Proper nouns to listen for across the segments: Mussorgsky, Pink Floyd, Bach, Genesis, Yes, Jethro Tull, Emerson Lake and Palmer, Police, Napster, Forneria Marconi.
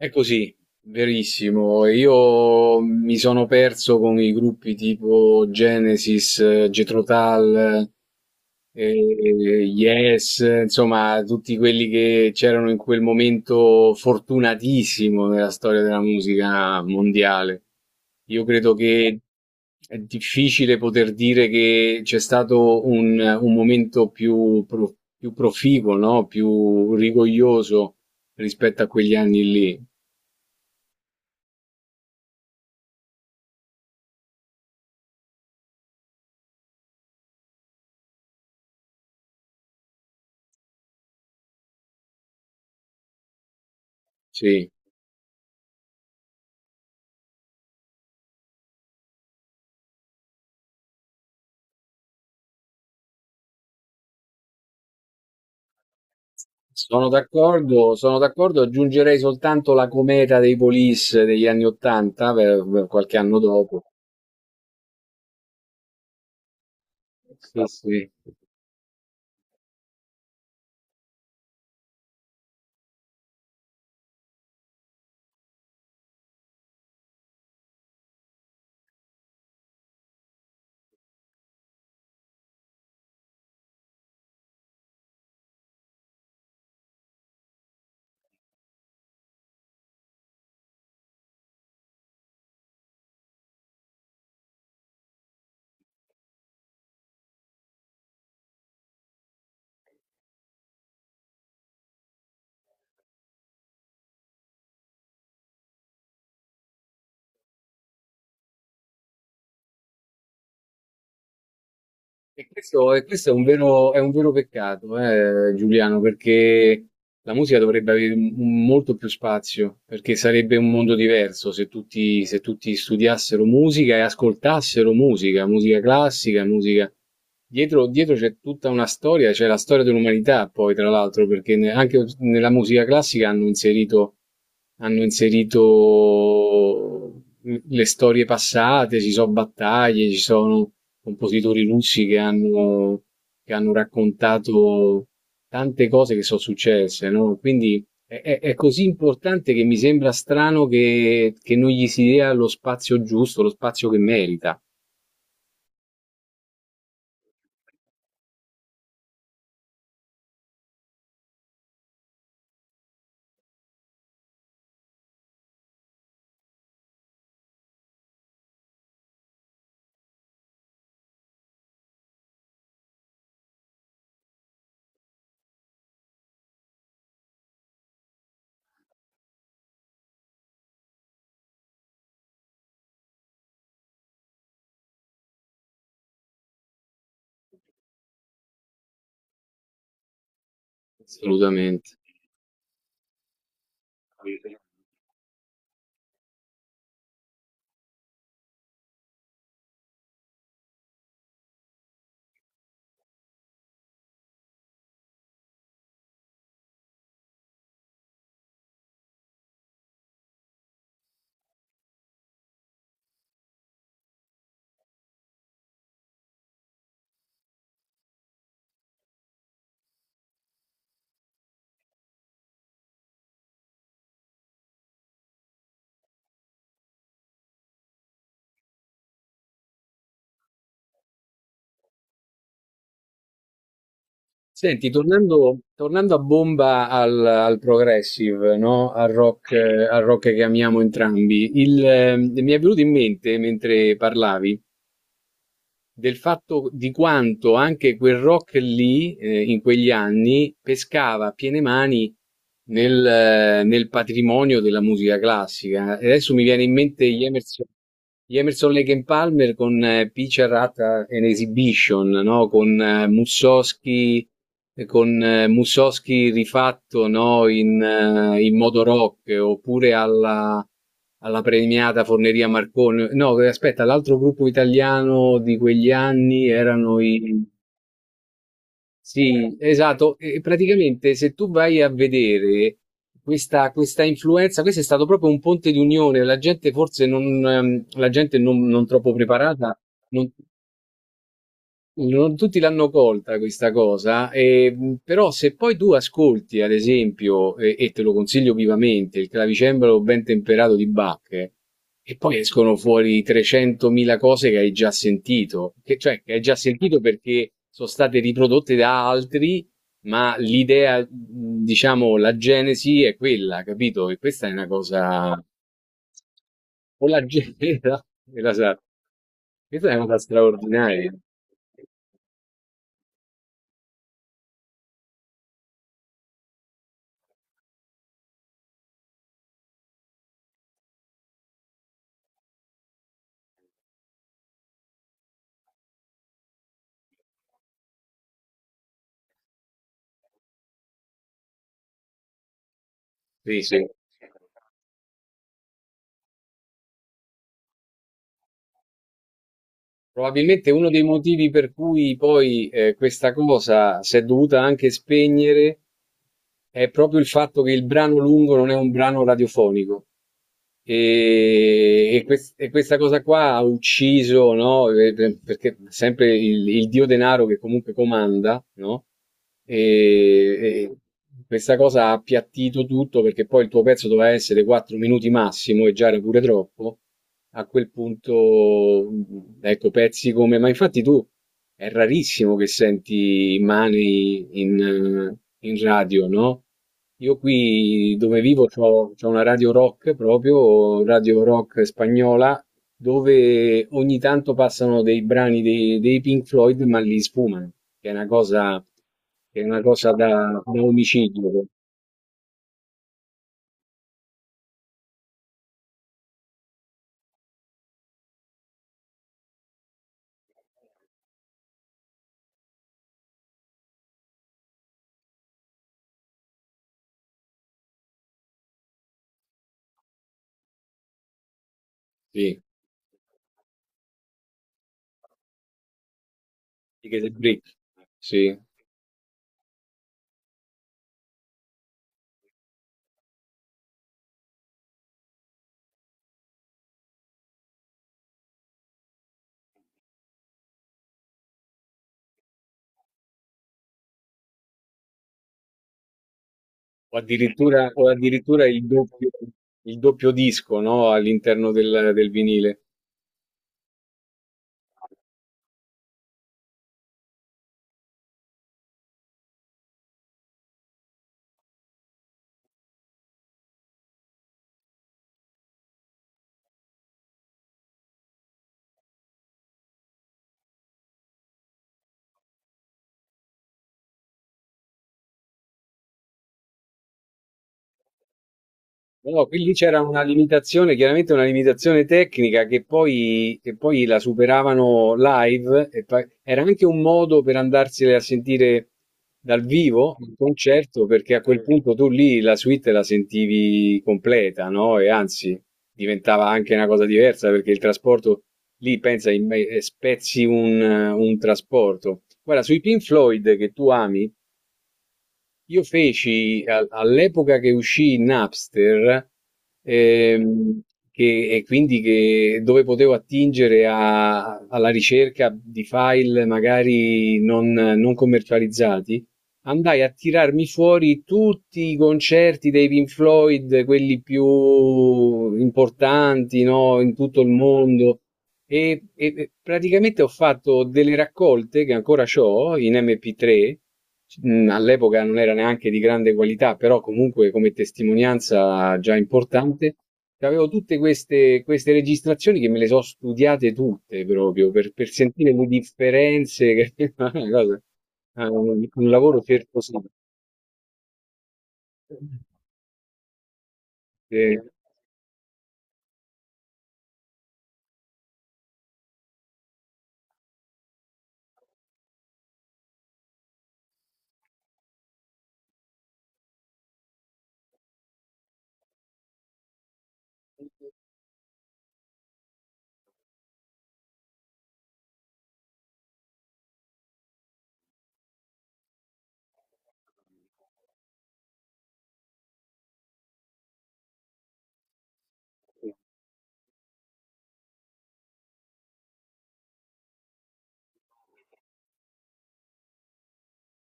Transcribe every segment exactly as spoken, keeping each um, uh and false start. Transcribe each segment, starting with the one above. È così, verissimo. Io mi sono perso con i gruppi tipo Genesis, eh, Jethro Tull, eh, eh, Yes, insomma, tutti quelli che c'erano in quel momento fortunatissimo nella storia della musica mondiale. Io credo che è difficile poter dire che c'è stato un, un momento più, pro- più proficuo, no? Più rigoglioso rispetto a quegli anni lì. Sì, sono d'accordo, sono d'accordo, aggiungerei soltanto la cometa dei Police degli anni Ottanta, per, per qualche anno dopo. Sì, sì. E questo, e questo è un vero, è un vero peccato, eh, Giuliano, perché la musica dovrebbe avere m- molto più spazio, perché sarebbe un mondo diverso se tutti, se tutti studiassero musica e ascoltassero musica, musica classica, musica... Dietro, dietro c'è tutta una storia, c'è la storia dell'umanità poi, tra l'altro, perché ne- anche nella musica classica hanno inserito hanno inserito le storie passate, ci sono battaglie, ci sono compositori russi che hanno, che hanno raccontato tante cose che sono successe, no? Quindi è, è- è così importante che mi sembra strano che, che non gli si dia lo spazio giusto, lo spazio che merita, assolutamente. Senti, tornando, tornando a bomba al, al progressive, no? Al rock, eh, al rock che amiamo entrambi, il, eh, mi è venuto in mente mentre parlavi del fatto di quanto anche quel rock lì, eh, in quegli anni, pescava a piene mani nel, eh, nel patrimonio della musica classica. E adesso mi viene in mente gli Emerson, gli Emerson Lake and Palmer con eh, Picture at an Exhibition, no? Con eh, Mussorgsky, eh, con eh, Mussorgsky rifatto, no? In, eh, in modo rock, oppure alla alla premiata Forneria Marconi. No, aspetta, l'altro gruppo italiano di quegli anni erano i... Sì, esatto. E praticamente se tu vai a vedere questa, questa influenza, questo è stato proprio un ponte di unione, la gente forse non, ehm, la gente non, non troppo preparata. non- Non tutti l'hanno colta questa cosa, e, mh, però se poi tu ascolti, ad esempio, e, e te lo consiglio vivamente, il clavicembalo ben temperato di Bach, eh, e poi escono fuori trecentomila cose che hai già sentito, che, cioè che hai già sentito perché sono state riprodotte da altri, ma l'idea, mh, diciamo, la genesi è quella, capito? E questa è una cosa... O la genesi, la sa, questa è una cosa straordinaria. Sì, sì. Probabilmente uno dei motivi per cui poi eh, questa cosa si è dovuta anche spegnere è proprio il fatto che il brano lungo non è un brano radiofonico. E, e quest- e questa cosa qua ha ucciso, no? Eh, per- Perché sempre il, il dio denaro che comunque comanda, no? E, e questa cosa ha appiattito tutto perché poi il tuo pezzo doveva essere quattro minuti massimo e già era pure troppo. A quel punto, mh, ecco, pezzi come... Ma infatti tu è rarissimo che senti Money in, eh, in radio, no? Io qui dove vivo c'ho, c'ho una radio rock proprio, radio rock spagnola, dove ogni tanto passano dei brani dei, dei Pink Floyd, ma li sfumano, che è una cosa, che è una cosa da, da omicidio. Sì, di che se- sì. O addirittura, o addirittura il doppio, il doppio disco, no? All'interno del, del vinile. No, qui lì c'era una limitazione, chiaramente una limitazione tecnica che poi, che poi la superavano live. E pa- era anche un modo per andarsene a sentire dal vivo il concerto, perché a quel punto tu lì la suite la sentivi completa, no? E anzi, diventava anche una cosa diversa perché il trasporto lì pensa, in- eh, spezzi un, un trasporto. Guarda, sui Pink Floyd che tu ami. Io feci a- all'epoca che uscì Napster, ehm, che, e quindi che, dove potevo attingere a- alla ricerca di file magari non, non commercializzati, andai a tirarmi fuori tutti i concerti dei Pink Floyd, quelli più importanti, no, in tutto il mondo. E, e- e praticamente ho fatto delle raccolte che ancora ho in M P tre. mm, All'epoca non era neanche di grande qualità, però comunque come testimonianza già importante. Avevo tutte queste, queste registrazioni che me le so studiate tutte proprio per, per sentire le differenze. Che è una cosa, è un, un lavoro certosino. Sì, Eh,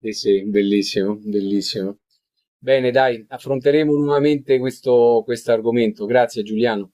sì, sì, bellissimo, bellissimo. Bene, dai, affronteremo nuovamente questo questo argomento. Grazie, Giuliano.